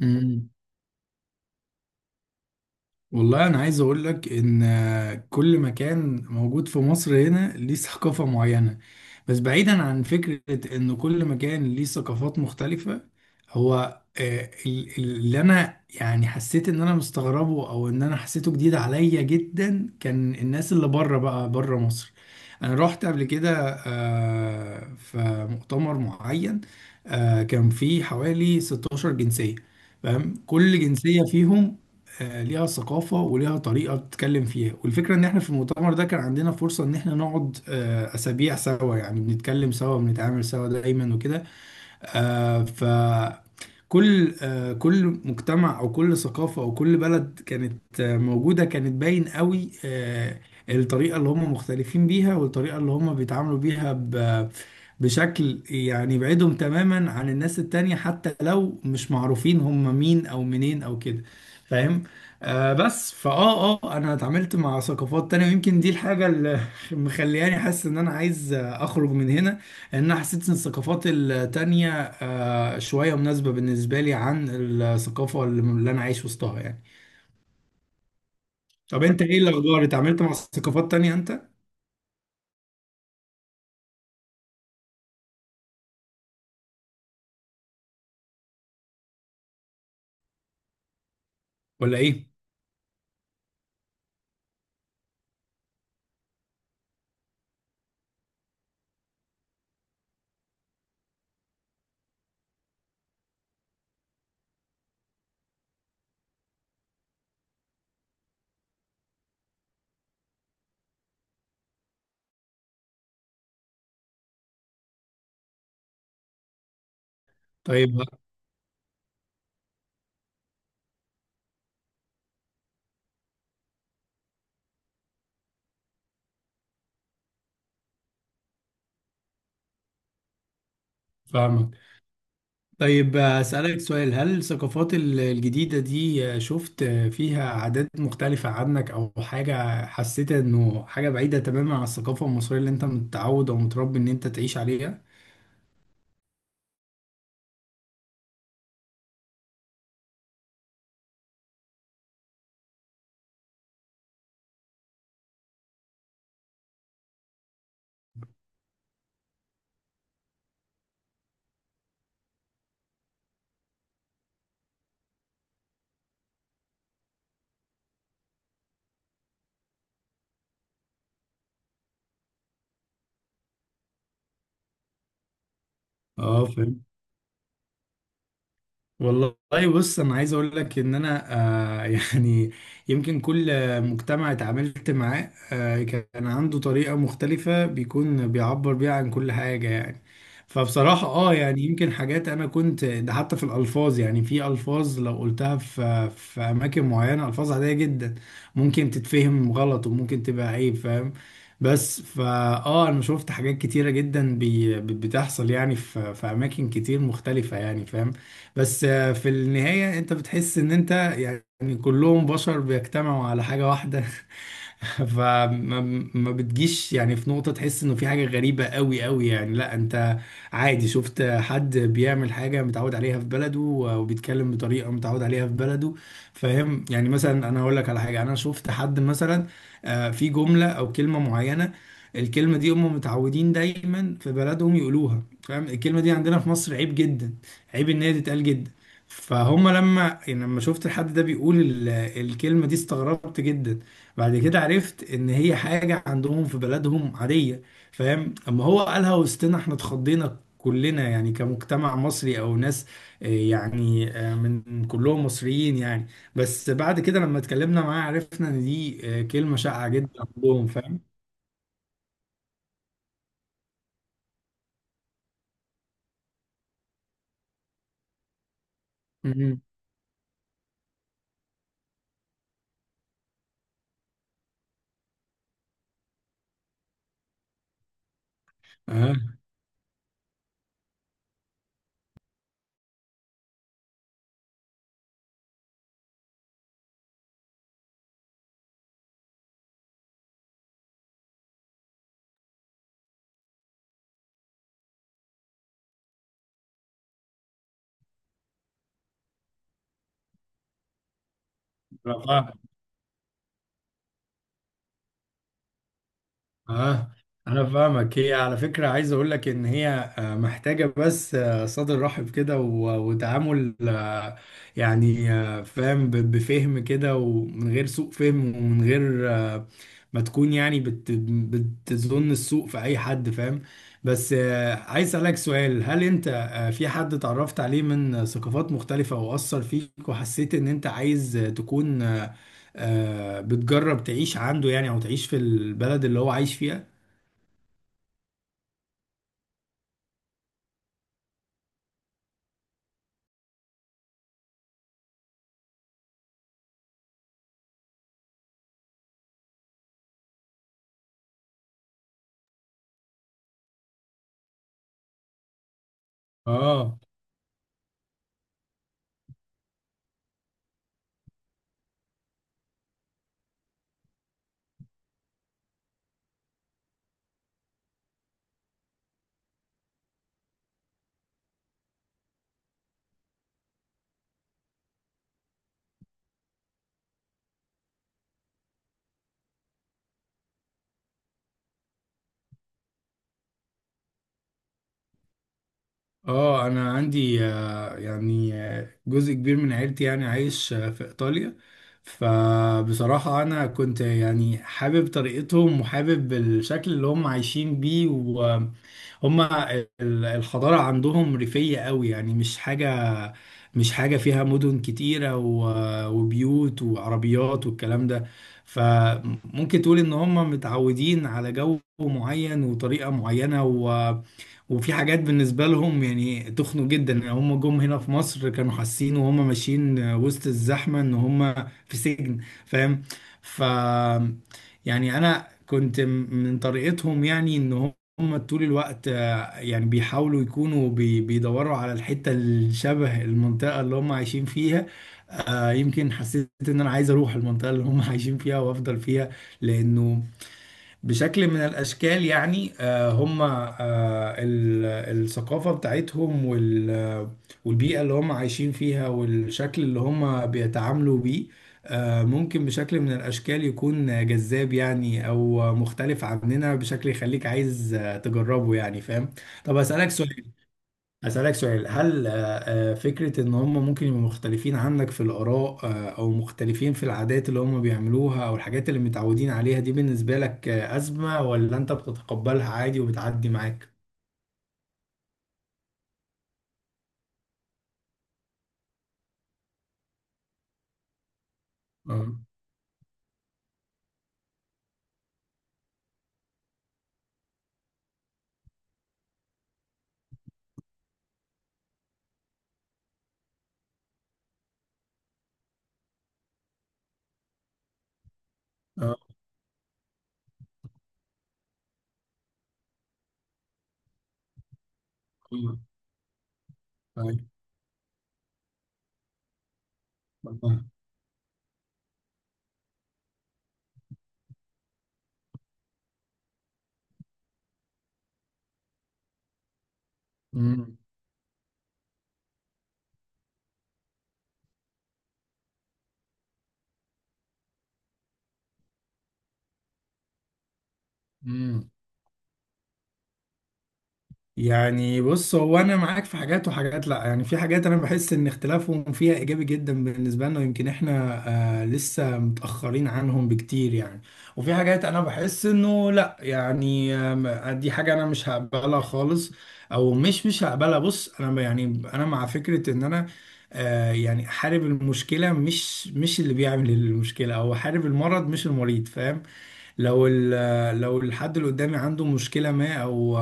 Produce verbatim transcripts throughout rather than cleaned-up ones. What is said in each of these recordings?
مم. والله انا عايز اقول لك ان كل مكان موجود في مصر هنا ليه ثقافة معينة. بس بعيدا عن فكرة ان كل مكان ليه ثقافات مختلفة، هو آه، ال- ال- اللي انا يعني حسيت ان انا مستغربه او ان انا حسيته جديد عليا جدا كان الناس اللي بره بقى بره مصر. انا رحت قبل كده آه، في مؤتمر معين. آه، كان فيه حوالي ست عشرة جنسية. فاهم، كل جنسية فيهم آه، ليها ثقافة وليها طريقة بتتكلم فيها، والفكرة ان احنا في المؤتمر ده كان عندنا فرصة ان احنا نقعد آه، اسابيع سوا، يعني بنتكلم سوا بنتعامل سوا دايما وكده. آه، ف كل آه، كل مجتمع او كل ثقافه او كل بلد كانت آه، موجوده كانت باين قوي، آه، الطريقه اللي هم مختلفين بيها والطريقه اللي هم بيتعاملوا بيها ب- بشكل يعني يبعدهم تماما عن الناس التانية، حتى لو مش معروفين هم مين او منين او كده. فاهم. آه بس فاه اه آه، انا اتعاملت مع ثقافات تانية، ويمكن دي الحاجة اللي مخلياني حاسس ان انا عايز آه، اخرج من هنا، لان انا حسيت ان الثقافات التانية آه، شوية مناسبة بالنسبة لي عن الثقافة اللي اللي انا عايش وسطها يعني. طب انت ايه الاخبار؟ اتعاملت مع ثقافات تانية انت ولا ايه؟ طيب. فاهمك. طيب، آه، اسالك سؤال: هل الثقافات ال- الجديدة دي آه، شفت آه، فيها عادات مختلفة عنك، او حاجة حسيت انه حاجة بعيدة تماما عن الثقافة المصرية اللي انت متعود او متربي ان انت تعيش عليها؟ اه، فهمت. والله بص انا عايز اقول لك ان انا آه يعني يمكن كل مجتمع اتعاملت معاه آه كان عنده طريقة مختلفة بيكون بيعبر بيها عن كل حاجة يعني. فبصراحة اه يعني يمكن حاجات انا كنت ده حتى في الالفاظ، يعني في الفاظ لو قلتها في في اماكن معينة، الفاظ عادية جدا ممكن تتفهم غلط وممكن تبقى عيب. فاهم. بس فا اه انا شفت حاجات كتيرة جدا بي بتحصل يعني في في اماكن كتير مختلفة يعني. فاهم. بس آه، في النهاية انت بتحس ان انت يعني كلهم بشر بيجتمعوا على حاجة واحدة فما ما بتجيش يعني في نقطة تحس انه في حاجة غريبة قوي قوي، يعني لا، انت عادي شفت حد بيعمل حاجة متعود عليها في بلده وبيتكلم بطريقة متعود عليها في بلده. فاهم. يعني مثلا انا هقول لك على حاجة: انا شفت حد مثلا آه، في جملة او كلمة معينة، الكلمة دي هم متعودين دايما في بلدهم يقولوها. فاهم. الكلمة دي عندنا في مصر عيب جدا، عيب ان هي تتقال جدا. فهم لما يعني لما شفت الحد ده بيقول ال- الكلمة دي استغربت جدا. بعد كده عرفت ان هي حاجة عندهم في بلدهم عادية. فاهم. اما هو قالها وسطنا احنا اتخضينا كلنا، يعني كمجتمع مصري او ناس آه، يعني آه، من كلهم مصريين يعني. بس بعد كده لما اتكلمنا معاه عرفنا ان دي آه، كلمة شائعة جدا عندهم. فاهم. مم. اه اه انا فاهمك. هي على فكره عايز اقول لك ان هي آه، محتاجه بس آه، صدر رحب كده و- وتعامل، آه، يعني آه، فاهم، ب- بفهم كده ومن غير سوء فهم ومن غير آه، ما تكون يعني بت بتظن السوء في اي حد. فاهم. بس آه، عايز اسالك سؤال: هل انت آه، في حد اتعرفت عليه من ثقافات مختلفه واثر فيك وحسيت ان انت عايز تكون آه، آه، بتجرب تعيش عنده، يعني او تعيش في البلد اللي هو عايش فيها؟ اه اه انا عندي آه، يعني آه، جزء كبير من عيلتي يعني عايش آه، في ايطاليا. فبصراحة انا كنت يعني حابب طريقتهم وحابب الشكل اللي هم عايشين بيه، وهم ال- الحضارة عندهم ريفية قوي، يعني مش حاجة مش حاجة فيها مدن كتيرة و- وبيوت وعربيات والكلام ده. فممكن تقول ان هم متعودين على جو معين وطريقة معينة. وفي حاجات بالنسبة لهم يعني تخنوا جدا، يعني هم جم هنا في مصر كانوا حاسين وهم ماشيين وسط الزحمة ان هم في سجن. فاهم. ف يعني انا كنت من طريقتهم، يعني ان هم طول الوقت آه، يعني بيحاولوا يكونوا بي- بيدوروا على الحتة الشبه المنطقة اللي هم عايشين فيها. آه، يمكن حسيت ان انا عايز اروح المنطقة اللي هم عايشين فيها وافضل فيها، لانه بشكل من الأشكال يعني، آه، هم آه، ال- الثقافة بتاعتهم وال- آه، والبيئة اللي هم عايشين فيها والشكل اللي هم بيتعاملوا بيه آه، ممكن بشكل من الأشكال يكون جذاب، يعني أو مختلف عننا بشكل يخليك عايز آه، تجربه يعني. فاهم. طب أسألك سؤال أسألك سؤال هل آه، آه، فكرة إن هم ممكن يبقوا مختلفين عنك في الآراء آه، أو مختلفين في العادات اللي هم بيعملوها أو الحاجات اللي متعودين عليها، دي بالنسبة لك آه، أزمة، ولا أنت بتتقبلها عادي وبتعدي معاك؟ اه. اه. آه. أيوة. أمم. أمم. يعني بص هو انا معاك في حاجات، وحاجات لا. يعني في حاجات انا بحس ان اختلافهم فيها ايجابي جدا بالنسبه لنا، ويمكن احنا آه لسه متاخرين عنهم بكتير يعني. وفي حاجات انا بحس انه لا، يعني آم، دي حاجه انا مش هقبلها خالص، او مش مش هقبلها. بص انا ب- يعني انا مع فكره ان انا آه يعني احارب المشكله، مش مش اللي بيعمل المشكله، او احارب المرض مش المريض. فاهم. لو ال- لو الحد اللي قدامي عنده مشكلة ما أو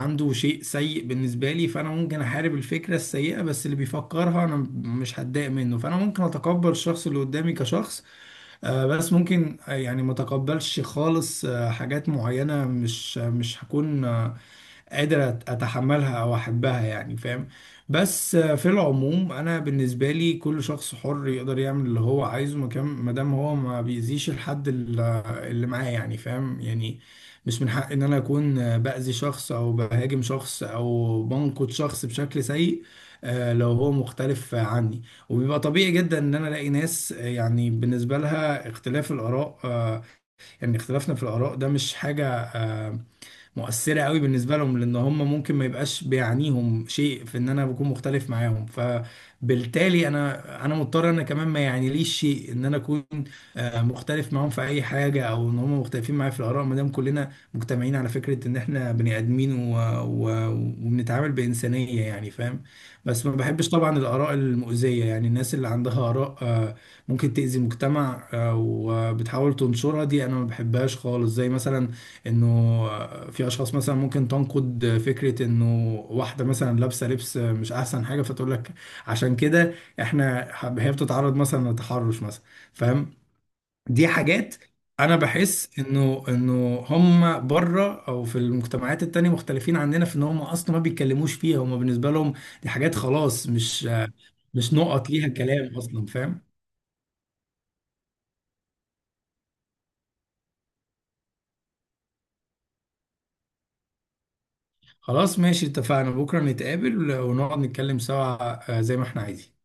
عنده شيء سيء بالنسبة لي، فأنا ممكن أحارب الفكرة السيئة بس اللي بيفكرها، أنا مش هتضايق منه، فأنا ممكن أتقبل الشخص اللي قدامي كشخص، آه، بس ممكن آه، يعني ما أتقبلش خالص آه، حاجات معينة، مش مش هكون آه، قادر أت- اتحملها او احبها. يعني فاهم. بس آه، في العموم انا بالنسبه لي كل شخص حر يقدر يعمل اللي هو عايزه مكان، ما دام هو ما بيأذيش الحد ال- اللي معاه. يعني فاهم، يعني مش من حق ان انا اكون آه، باذي شخص او بهاجم شخص او بنقد شخص بشكل سيء آه، لو هو مختلف عني. وبيبقى طبيعي جدا ان انا الاقي ناس آه، يعني بالنسبه لها اختلاف الاراء آه، يعني اختلافنا في الاراء ده مش حاجه آه، مؤثرة قوي بالنسبة لهم، لأن هم ممكن ما يبقاش بيعنيهم شيء في إن أنا بكون مختلف معاهم، فبالتالي أنا أنا مضطر أنا كمان ما يعنيليش شيء إن أنا أكون آه، مختلف معاهم في أي حاجة، أو إن هم مختلفين معايا في الآراء، ما دام كلنا مجتمعين على فكرة إن إحنا بني آدمين، و... و... وبنتعامل بإنسانية. يعني فاهم. بس ما بحبش طبعا الآراء المؤذية، يعني الناس اللي عندها آراء آه، ممكن تأذي المجتمع آه، وبتحاول تنشرها، دي أنا ما بحبهاش خالص. زي مثلا انه في اشخاص مثلا ممكن تنقد فكره انه واحده مثلا لابسه لبس مش احسن حاجه، فتقول لك عشان كده احنا حب- هي بتتعرض مثلا لتحرش مثلا. فاهم. دي حاجات انا بحس انه انه هم بره او في المجتمعات التانية مختلفين عننا في ان هم اصلا ما بيتكلموش فيها، هم بالنسبه لهم دي حاجات خلاص مش مش نقط ليها كلام اصلا. فاهم. خلاص ماشي، اتفقنا، بكره نتقابل ونقعد نتكلم سوا آه، زي ما احنا عايزين.